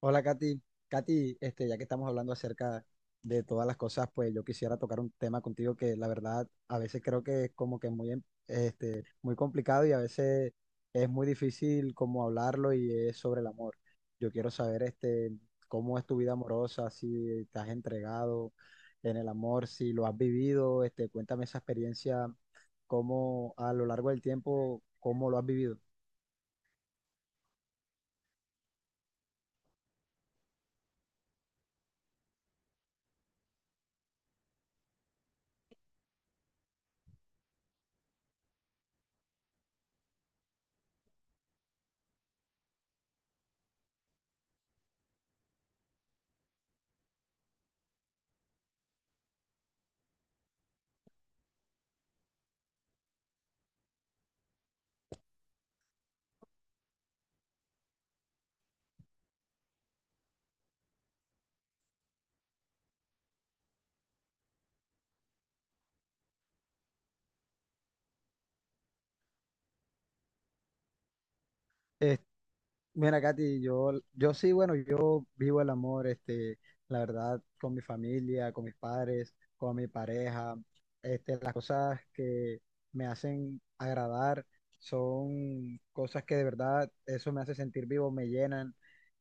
Hola, Katy. Katy, ya que estamos hablando acerca de todas las cosas, pues yo quisiera tocar un tema contigo que la verdad a veces creo que es como que muy, muy complicado y a veces es muy difícil como hablarlo y es sobre el amor. Yo quiero saber cómo es tu vida amorosa, si te has entregado en el amor, si lo has vivido, cuéntame esa experiencia, cómo a lo largo del tiempo, cómo lo has vivido. Mira, Katy, yo sí, bueno, yo vivo el amor, la verdad, con mi familia, con mis padres, con mi pareja. Las cosas que me hacen agradar son cosas que de verdad eso me hace sentir vivo, me llenan.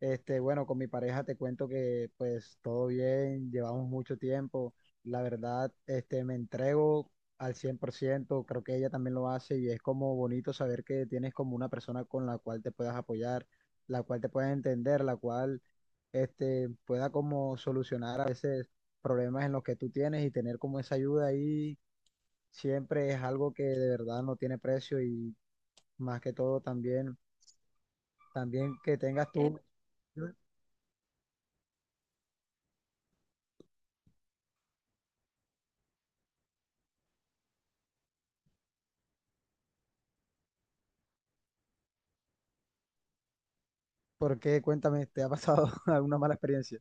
Bueno, con mi pareja te cuento que pues todo bien, llevamos mucho tiempo. La verdad, me entrego al 100%, creo que ella también lo hace y es como bonito saber que tienes como una persona con la cual te puedas apoyar, la cual te pueda entender, la cual pueda como solucionar a veces problemas en los que tú tienes, y tener como esa ayuda ahí siempre es algo que de verdad no tiene precio. Y más que todo también, también que tengas. Tú, porque cuéntame, ¿te ha pasado alguna mala experiencia?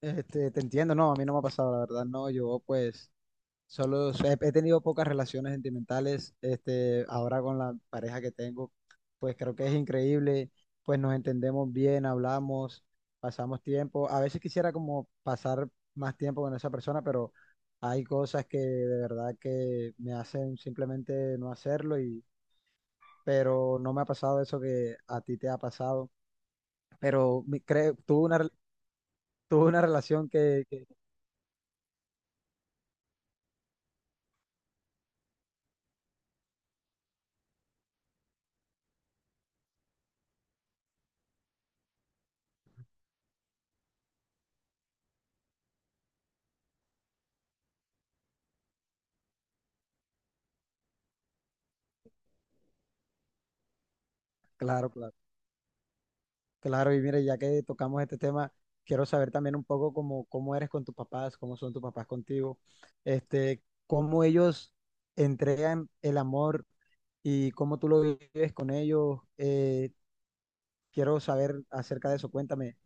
Te entiendo, no, a mí no me ha pasado, la verdad, no, yo pues. Solo, he tenido pocas relaciones sentimentales. Ahora con la pareja que tengo, pues creo que es increíble. Pues nos entendemos bien, hablamos, pasamos tiempo. A veces quisiera como pasar más tiempo con esa persona, pero hay cosas que de verdad que me hacen simplemente no hacerlo, y pero no me ha pasado eso que a ti te ha pasado. Pero creo, tuve una relación claro, claro. Claro, y mire, ya que tocamos este tema, quiero saber también un poco cómo eres con tus papás, cómo son tus papás contigo, cómo ellos entregan el amor y cómo tú lo vives con ellos. Quiero saber acerca de eso, cuéntame.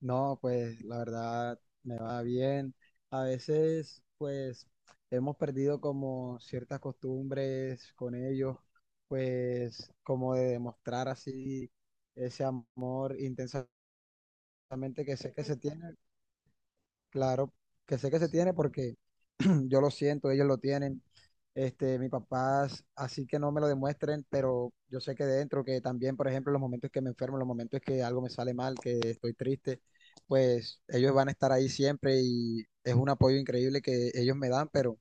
No, pues la verdad me va bien. A veces, pues hemos perdido como ciertas costumbres con ellos, pues como de demostrar así ese amor intenso. Exactamente, que sé que se tiene, claro, que sé que se tiene porque yo lo siento, ellos lo tienen, mis papás, así que no me lo demuestren, pero yo sé que dentro, que también, por ejemplo, los momentos que me enfermo, los momentos que algo me sale mal, que estoy triste, pues ellos van a estar ahí siempre y es un apoyo increíble que ellos me dan, pero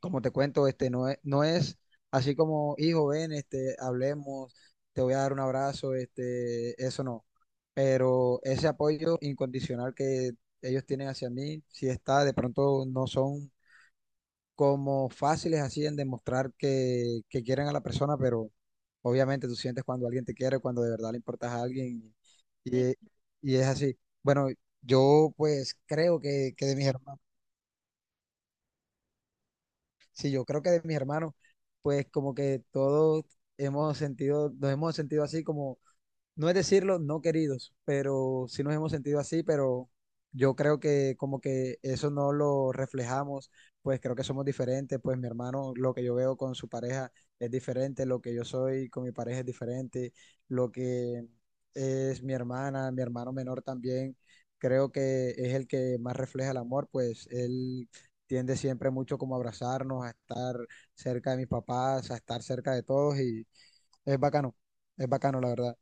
como te cuento, no es así como, hijo, ven, hablemos, te voy a dar un abrazo, eso no. Pero ese apoyo incondicional que ellos tienen hacia mí si está. De pronto no son como fáciles así en demostrar que quieren a la persona, pero obviamente tú sientes cuando alguien te quiere, cuando de verdad le importas a alguien, y, y es así. Bueno, yo pues creo que, de mis hermanos. Sí, yo creo que de mis hermanos, pues como que todos hemos sentido, nos hemos sentido así como, no es decirlo, no queridos, pero sí nos hemos sentido así, pero yo creo que como que eso no lo reflejamos, pues creo que somos diferentes. Pues mi hermano, lo que yo veo con su pareja es diferente, lo que yo soy con mi pareja es diferente, lo que es mi hermana, mi hermano menor también, creo que es el que más refleja el amor, pues él tiende siempre mucho como a abrazarnos, a estar cerca de mis papás, a estar cerca de todos, y es bacano, es bacano la verdad.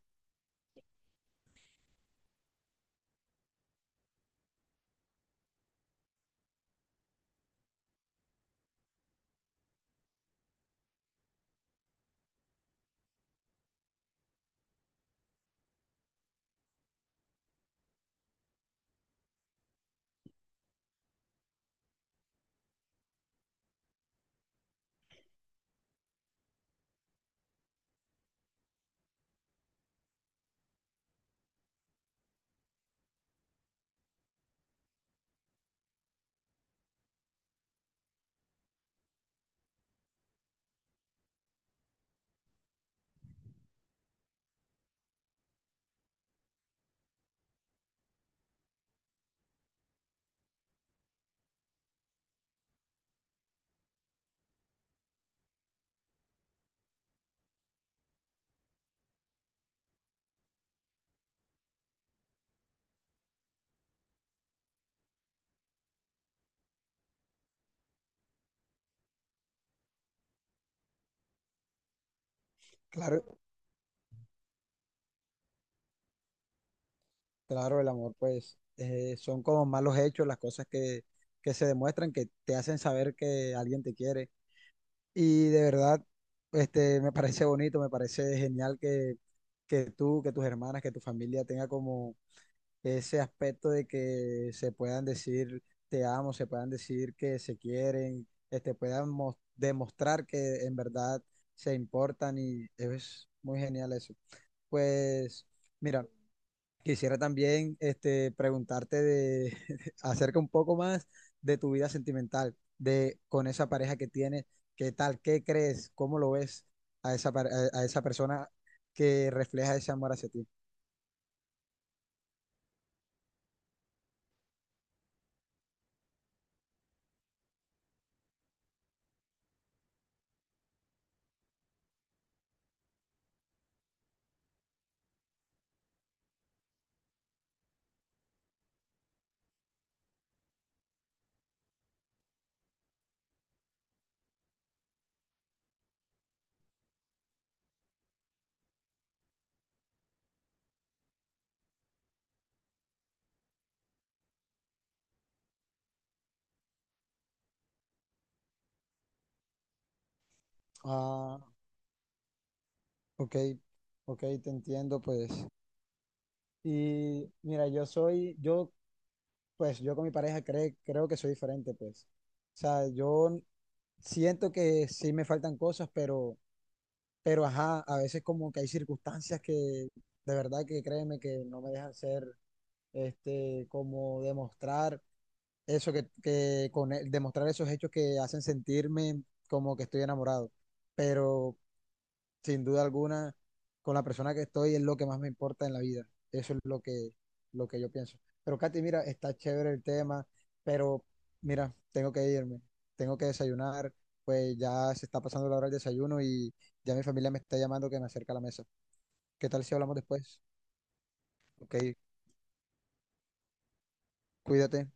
Claro, claro, el amor, pues, son como malos hechos, las cosas que se demuestran, que te hacen saber que alguien te quiere. Y de verdad, me parece bonito, me parece genial que, tú, que tus hermanas, que tu familia tenga como ese aspecto de que se puedan decir te amo, se puedan decir que se quieren, puedan demostrar que en verdad se importan, y es muy genial eso. Pues, mira. Quisiera también preguntarte de, acerca un poco más de tu vida sentimental, de con esa pareja que tienes, qué tal, qué crees, cómo lo ves a esa, a esa persona que refleja ese amor hacia ti. Ah, ok, ok, te entiendo, pues. Y mira, pues, yo con mi pareja creo que soy diferente, pues. O sea, yo siento que sí me faltan cosas, pero ajá, a veces como que hay circunstancias que de verdad que créeme que no me dejan hacer, como demostrar eso demostrar esos hechos que hacen sentirme como que estoy enamorado. Pero sin duda alguna, con la persona que estoy es lo que más me importa en la vida. Eso es lo que yo pienso. Pero Katy, mira, está chévere el tema, pero mira, tengo que irme, tengo que desayunar, pues ya se está pasando la hora del desayuno y ya mi familia me está llamando que me acerque a la mesa. ¿Qué tal si hablamos después? Ok, cuídate.